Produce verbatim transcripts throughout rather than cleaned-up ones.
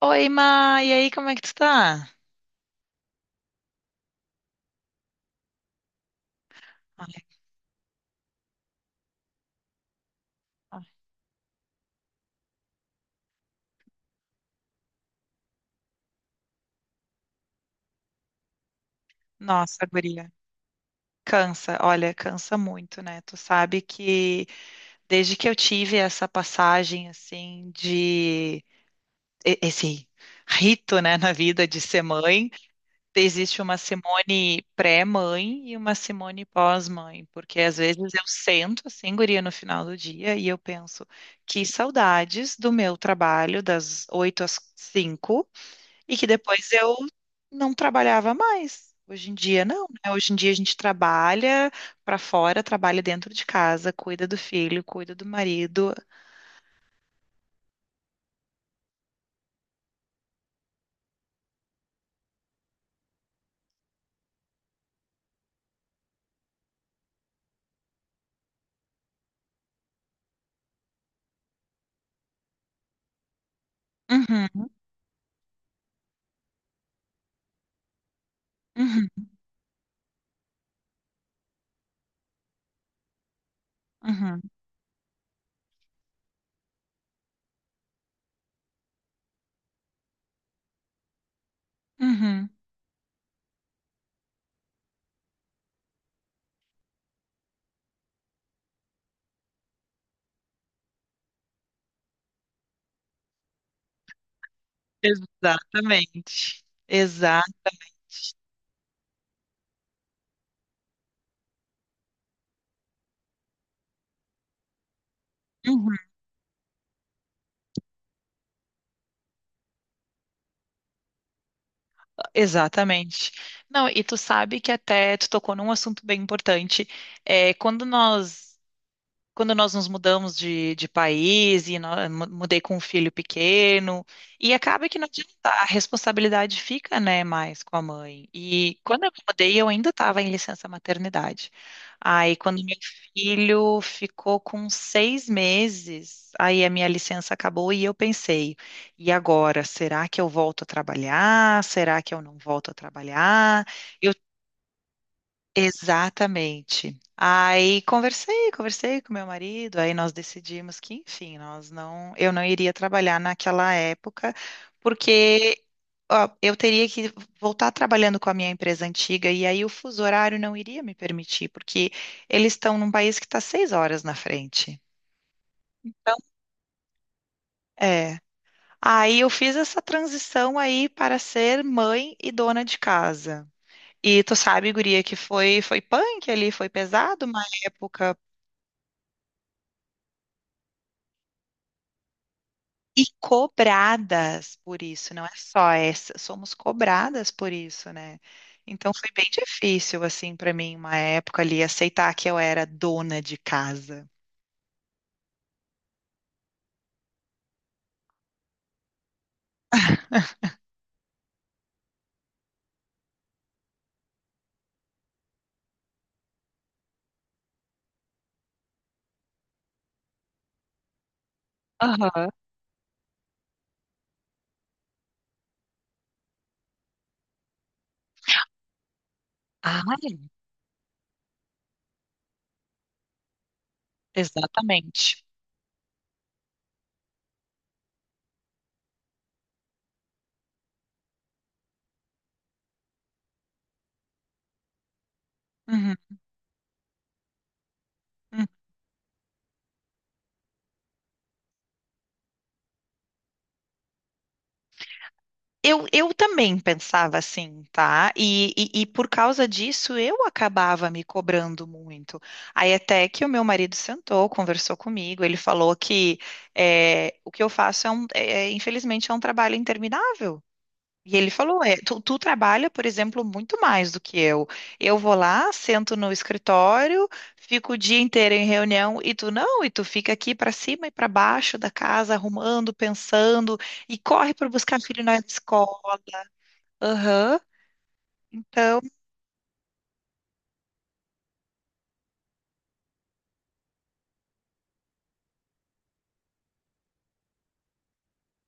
Oi, Ma, e aí, como é que tu tá? Ai, ai, nossa, guria, cansa, olha, cansa muito, né? Tu sabe que desde que eu tive essa passagem, assim, de... e- Esse rito, né, na vida de ser mãe, existe uma Simone pré-mãe e uma Simone pós-mãe, porque às vezes eu sento, assim, guria, no final do dia e eu penso, que saudades do meu trabalho das oito às cinco. E que depois eu não trabalhava mais. Hoje em dia, não, né? Hoje em dia a gente trabalha para fora, trabalha dentro de casa, cuida do filho, cuida do marido. Uhum, uhum, uhum, uhum. Exatamente. Exa Uhum, exatamente. Não, e tu sabe que até tu tocou num assunto bem importante. É, quando nós quando nós nos mudamos de, de país e nó- mu- mudei com um filho pequeno, e acaba que não adianta, a responsabilidade fica, né, mais com a mãe. E quando eu me mudei, eu ainda estava em licença maternidade. Aí, quando meu filho ficou com seis meses, aí a minha licença acabou e eu pensei, e agora, será que eu volto a trabalhar? Será que eu não volto a trabalhar? Eu Exatamente. Aí conversei, conversei com meu marido, aí nós decidimos que, enfim, nós não, eu não iria trabalhar naquela época, porque ó, eu teria que voltar trabalhando com a minha empresa antiga e aí o fuso horário não iria me permitir, porque eles estão num país que está seis horas na frente. Então, é. Aí eu fiz essa transição aí para ser mãe e dona de casa. E tu sabe, guria, que foi foi punk ali, foi pesado uma época. E cobradas por isso, não é só essa, somos cobradas por isso, né? Então foi bem difícil, assim, para mim, uma época ali, aceitar que eu era dona de casa. Aham. Ah, é, exatamente. Uhum, uhum. Eu, eu também pensava assim, tá? E, e, e por causa disso eu acabava me cobrando muito. Aí até que o meu marido sentou, conversou comigo, ele falou que é, o que eu faço é, um, é, é, infelizmente, é um trabalho interminável. E ele falou, é, tu, tu trabalha, por exemplo, muito mais do que eu. Eu vou lá, sento no escritório, fico o dia inteiro em reunião e tu não, e tu fica aqui para cima e para baixo da casa, arrumando, pensando e corre para buscar filho na escola. Aham. Então,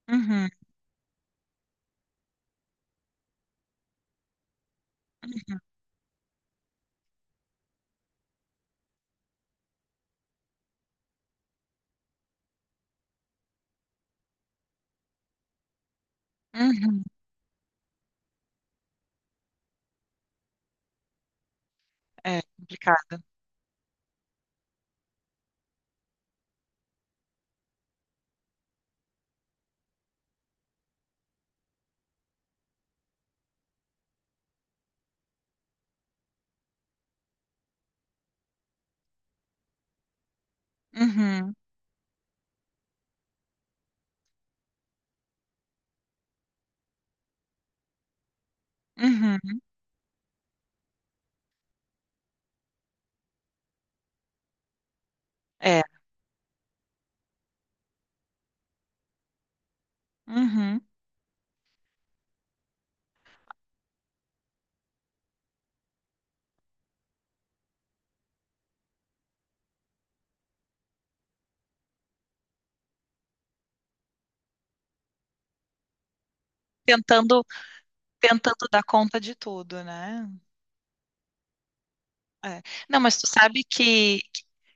uhum, uhum, é complicado. Uhum, uhum, é, uhum. Tentando, tentando dar conta de tudo, né? É. Não, mas tu sabe que,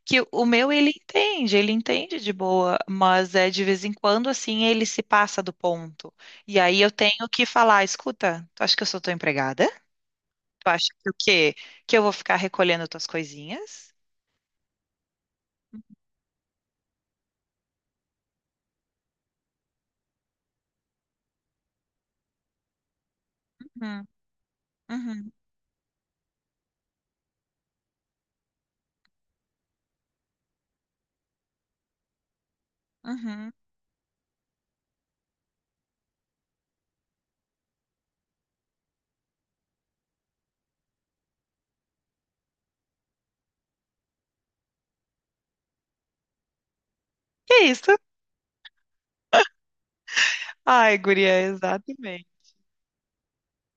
que o meu ele entende, ele entende de boa, mas é de vez em quando assim ele se passa do ponto. E aí eu tenho que falar, escuta, tu acha que eu sou tua empregada? Tu acha que o quê? Que eu vou ficar recolhendo tuas coisinhas? Uhum, uhum, uhum. Que isso? Ai, guria, é exatamente.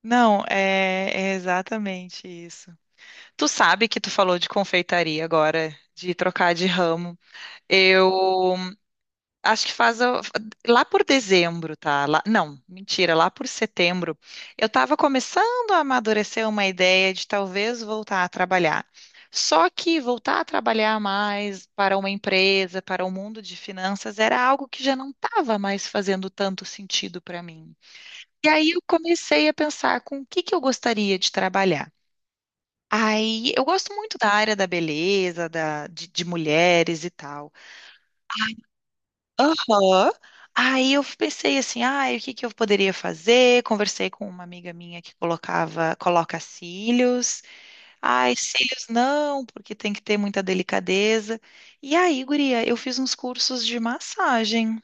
Não, é, é exatamente isso. Tu sabe que tu falou de confeitaria agora, de trocar de ramo. Eu Acho que faz o- lá por dezembro, tá? Lá- não, mentira, lá por setembro, eu estava começando a amadurecer uma ideia de talvez voltar a trabalhar. Só que voltar a trabalhar mais para uma empresa, para o mundo de finanças, era algo que já não estava mais fazendo tanto sentido para mim. E aí eu comecei a pensar com o que que eu gostaria de trabalhar. Aí eu gosto muito da área da beleza, da, de de mulheres e tal. Aham. Aí eu pensei assim, ah, o que que eu poderia fazer? Conversei com uma amiga minha que colocava, coloca cílios. Ai, cílios não, porque tem que ter muita delicadeza. E aí, guria, eu fiz uns cursos de massagem.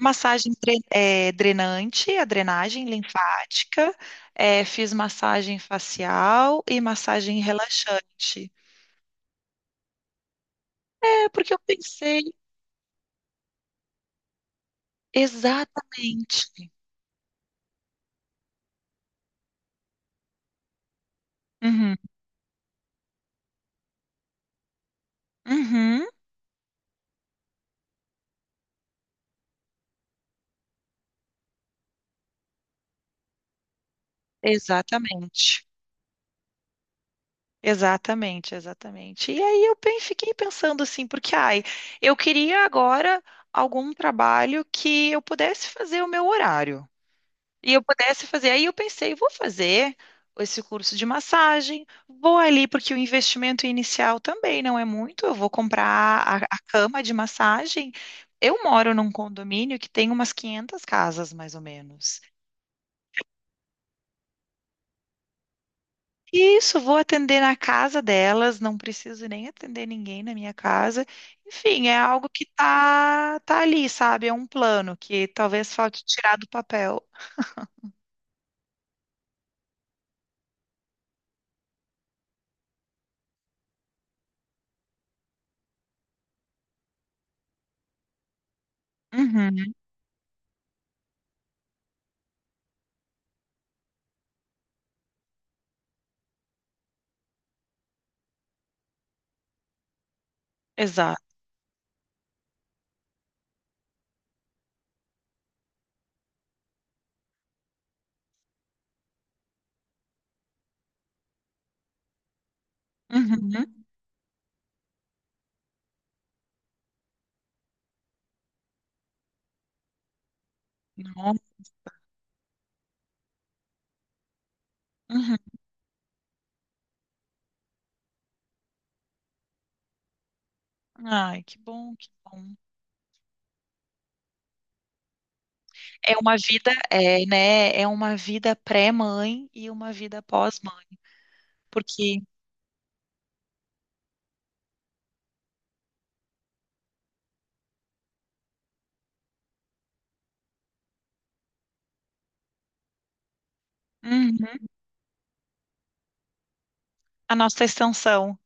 Massagem dre- eh, drenante, a drenagem linfática, eh, fiz massagem facial e massagem relaxante. É porque eu pensei exatamente. Uhum, uhum, exatamente. Exatamente, exatamente. E aí eu pen- fiquei pensando assim, porque ai, eu queria agora algum trabalho que eu pudesse fazer o meu horário. E eu pudesse fazer. Aí eu pensei, vou fazer esse curso de massagem, vou ali, porque o investimento inicial também não é muito. Eu vou comprar a, a cama de massagem. Eu moro num condomínio que tem umas quinhentas casas, mais ou menos. Isso, vou atender na casa delas, não preciso nem atender ninguém na minha casa. Enfim, é algo que tá, tá ali, sabe? É um plano que talvez falte tirar do papel. Uhum, exato. Uhum, não, uhum. Ai, que bom, que bom. É uma vida, é, né? É uma vida pré-mãe e uma vida pós-mãe, porque uhum, a nossa extensão.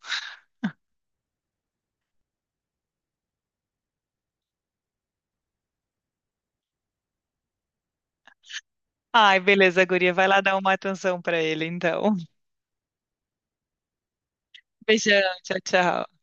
Ai, beleza, guria, vai lá dar uma atenção pra ele, então. Beijão, tchau, tchau.